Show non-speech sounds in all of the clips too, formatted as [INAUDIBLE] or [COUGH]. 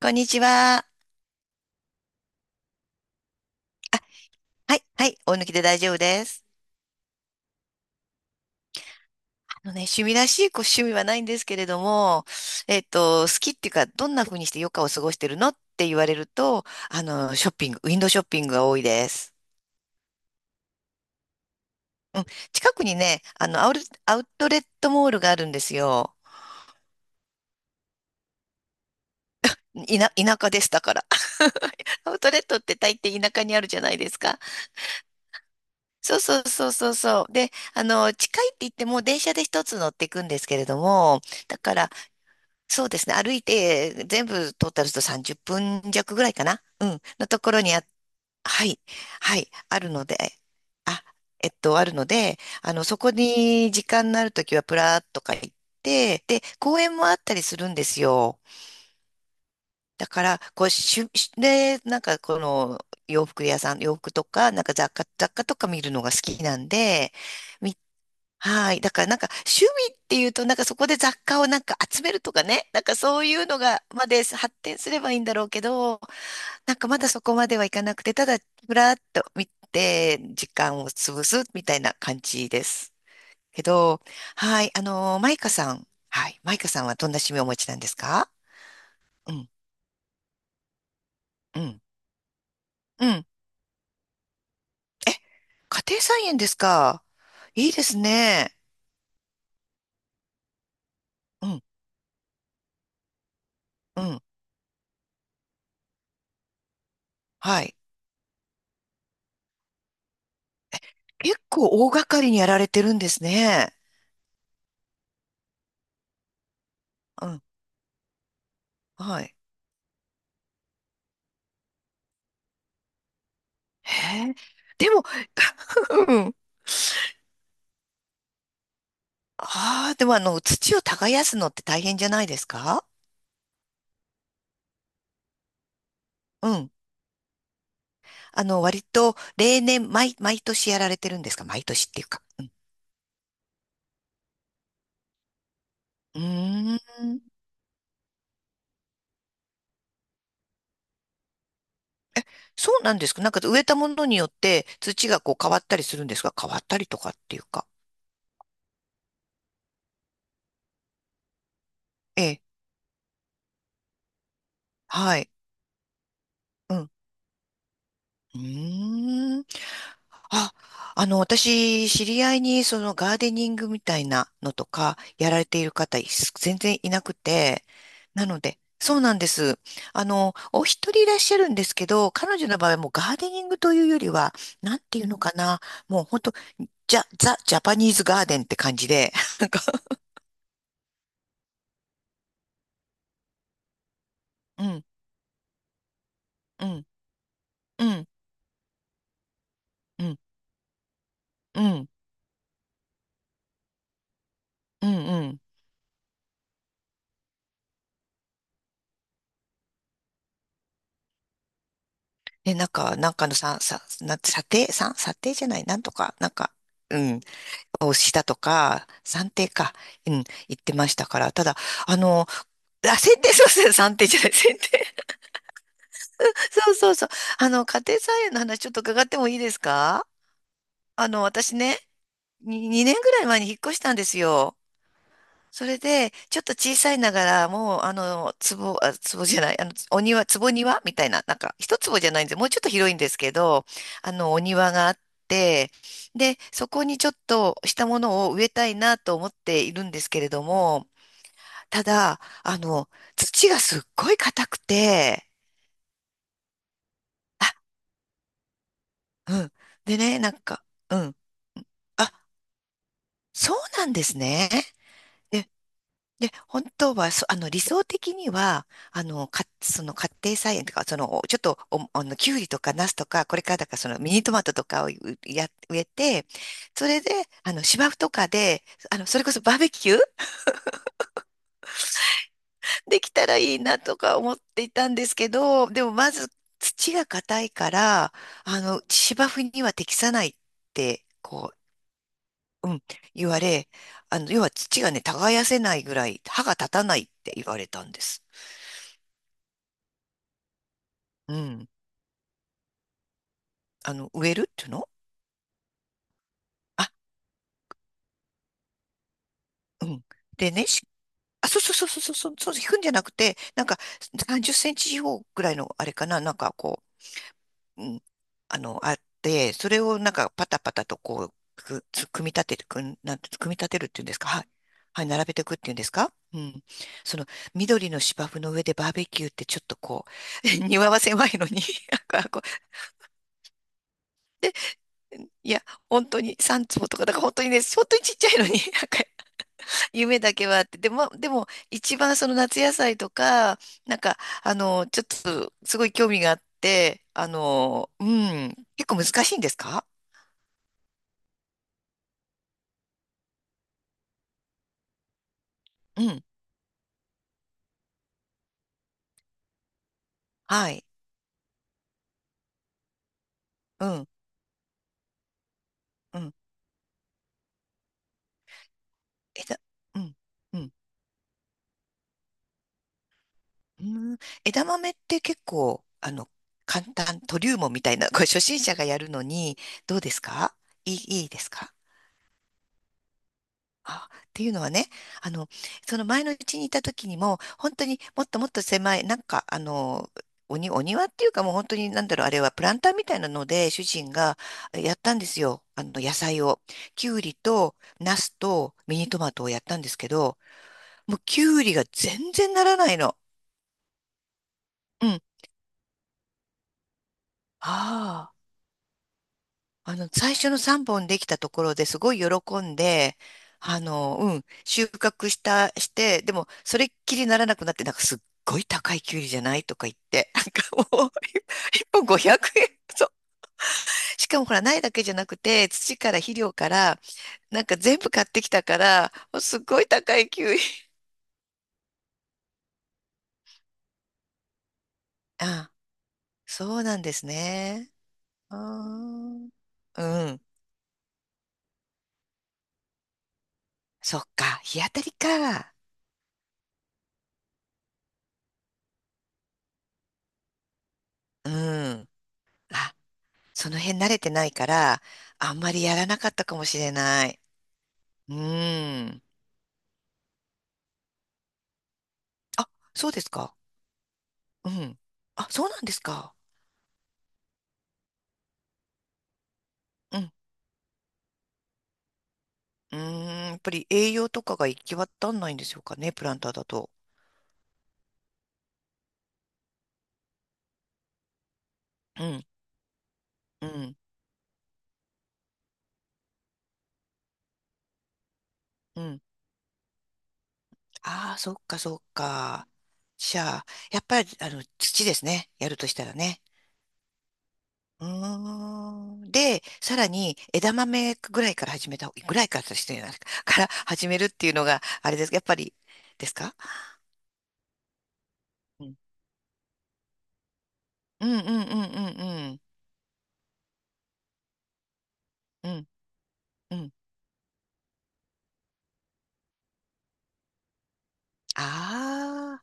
こんにちは。あ、はい、はい、お抜きで大丈夫です。あのね、趣味らしい趣味はないんですけれども、好きっていうか、どんな風にして余暇を過ごしてるのって言われると、ショッピング、ウィンドウショッピングが多いです。うん、近くにね、アウトレットモールがあるんですよ。田舎です、だから。[LAUGHS] アウトレットって大抵田舎にあるじゃないですか。そうそうそうそうそう。で、近いって言っても電車で一つ乗っていくんですけれども、だから、そうですね。歩いて、全部トータルすると30分弱ぐらいかな。うん。のところにはい。はい。あるので、あ、えっと、あるので、そこに時間のあるときはプラーっとか行って、で、公園もあったりするんですよ。だから、こう、しゅ、しで、なんかこの洋服屋さん、洋服とか、なんか雑貨とか見るのが好きなんで、見はい。だからなんか趣味っていうとなんかそこで雑貨をなんか集めるとかね。なんかそういうのがまで発展すればいいんだろうけど、なんかまだそこまではいかなくて、ただふらっと見て時間を潰すみたいな感じです。けど、はい。あのマイカさん。はい。マイカさんはどんな趣味をお持ちなんですか？うん。うん。うん。え、家庭菜園ですか？いいですね。うん。うん。はい。結構大掛かりにやられてるんですね。うん。はい。へえ。でも、[LAUGHS] うん。ああ、でも土を耕すのって大変じゃないですか？うん。割と、例年、毎年やられてるんですか？毎年っていうか。うん。うーん。そうなんですか？なんか植えたものによって土がこう変わったりするんですか？変わったりとかっていうか。ええ。はい。うん。うーん。あ、私、知り合いに、ガーデニングみたいなのとか、やられている方、全然いなくて、なので、そうなんです。お一人いらっしゃるんですけど、彼女の場合はもうガーデニングというよりは、なんていうのかな、もう本当、ザ・ジャパニーズガーデンって感じで、[LAUGHS] なんか、うん、うん、うん、うん、うん、うん、うん。で、なんかのさ、さ、な、査定、査定じゃない、なんとか、なんか、うん。をしたとか、算定か、うん、言ってましたから、ただ、あの、あ、剪定、そうですね算定じゃない、剪定。[LAUGHS] そうそうそう。家庭菜園の話ちょっと伺ってもいいですか？私ね、に2、年ぐらい前に引っ越したんですよ。それで、ちょっと小さいながら、もう、壺、あ、壺じゃない、お庭、壺庭みたいな、なんか、一坪じゃないんですよ。もうちょっと広いんですけど、お庭があって、で、そこにちょっとしたものを植えたいなと思っているんですけれども、ただ、土がすっごい硬くて、あ、うん。でね、なんか、うん。あ、そうなんですね。で、で、本当は、そ、あの、理想的には、その家庭菜園とか、その、ちょっと、お、あの、きゅうりとか、ナスとか、これからだから、その、ミニトマトとかを植えて、それで、芝生とかで、それこそバーベキューできたらいいなとか思っていたんですけど、でもまず土が硬いから、芝生には適さないって、うん、言われ、要は土がね、耕せないぐらい歯が立たないって言われたんです。うん。植えるっていうのあ、うん。でね、そうそうそうそうそう、そう、そう、引くんじゃなくて、なんか30センチ四方ぐらいのあれかな、なんかこうん、あって、それをなんかパタパタとこう、組み立てるっていうんですか？はい。はい、並べていくっていうんですか？うん。その、緑の芝生の上でバーベキューってちょっとこう、[LAUGHS] 庭は狭いのに、なんかこう、いや、本当に三坪とか、だから本当にね、本当にちっちゃいのに、なんか、夢だけはあって、でも、一番その夏野菜とか、なんか、ちょっと、すごい興味があって、うん、結構難しいんですか？うん。はい。うん、うん。枝、うん、うん。うーん、枝豆って結構、簡単、トリウムみたいな、これ初心者がやるのに、どうですか？いい、いいですか？あ、っていうのはね、あの、その前のうちにいた時にも、本当にもっともっと狭い、なんか、お庭っていうかもう本当になんだろう、あれはプランターみたいなので、主人がやったんですよ。野菜を。きゅうりと、ナスと、ミニトマトをやったんですけど、もうきゅうりが全然ならないの。うん。ああ。最初の3本できたところですごい喜んで、うん、収穫した、して、でも、それっきりならなくなって、なんかすっごい高いきゅうりじゃないとか言って、[LAUGHS] なんかもう、1本500円。そう。しかもほら、苗だけじゃなくて、土から肥料から、なんか全部買ってきたから、もうすっごい高いきゅうり。あ、そうなんですね。あー、うん。そっか。日当たりか。うん。あ、その辺慣れてないから、あんまりやらなかったかもしれない。うん。あ、そうですか？うん。あ、そうなんですか？うん。うーん。やっぱり栄養とかが行き渡んないんでしょうかね、プランターだと。うん。うん。うん。ああ、そっか、そっか。じゃあ、やっぱり、土ですね。やるとしたらね。うーん。で、さらに枝豆ぐらいから始めた方、ぐらいからとしてないか、[LAUGHS] から始めるっていうのが、あれです。やっぱり、ですか？うん。うんうんうんうんうん。うんうん。あ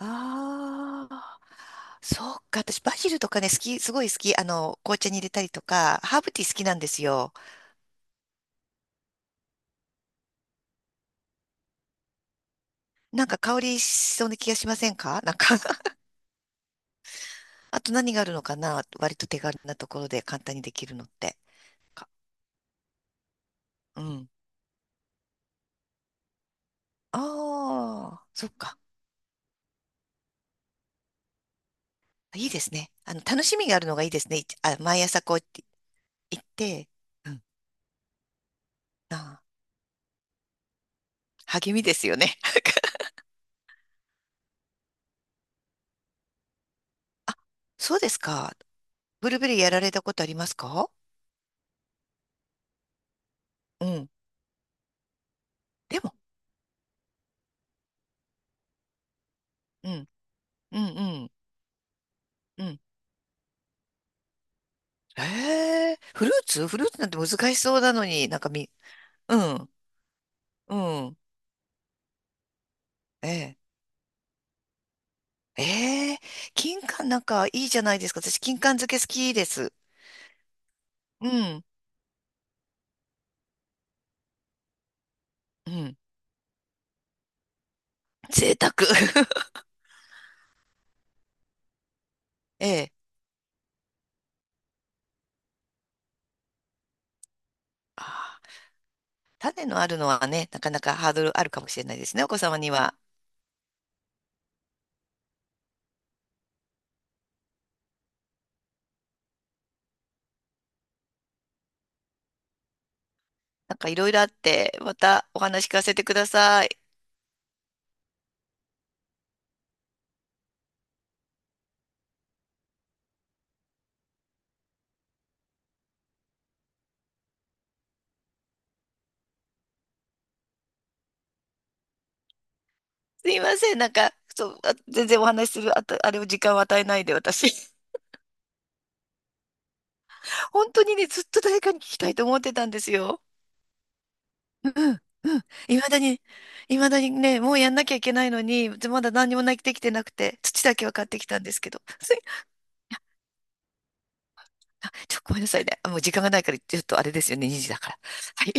あ、ああ、そうか。私、バジルとかね、好き、すごい好き。紅茶に入れたりとか、ハーブティー好きなんですよ。なんか香りしそうな気がしませんか？ [LAUGHS] なんか [LAUGHS] あと何があるのかな？割と手軽なところで簡単にできるのって。かうん。ああ、そっか。いいですね。楽しみがあるのがいいですね。いちあ、毎朝こう行って、うん、あ、励みですよね。[LAUGHS] そうですか。ブルーベリーやられたことありますか？うん。でも、うん、うん、うん、うん。ええ、フルーツ、フルーツなんて難しそうなのに、なんかうん、うん、ええ、ええ、金柑なんかいいじゃないですか。私、金柑漬け好きです。うん、うん。贅沢。[LAUGHS] ええ、あー、種のあるのはね、なかなかハードルあるかもしれないですね、お子様には。なんかいろいろあって、またお話聞かせてください。すいません、なんか、そう、あ全然お話しする、あと、あれを時間を与えないで、私。[LAUGHS] 本当にね、ずっと誰かに聞きたいと思ってたんですよ。うん、うん。いまだにね、もうやんなきゃいけないのに、まだ何にもなできてなくて、土だけは買ってきたんですけど。すいあ、ちょ、ごめんなさいね。あ、もう時間がないから、ちょっとあれですよね、2時だから。はい。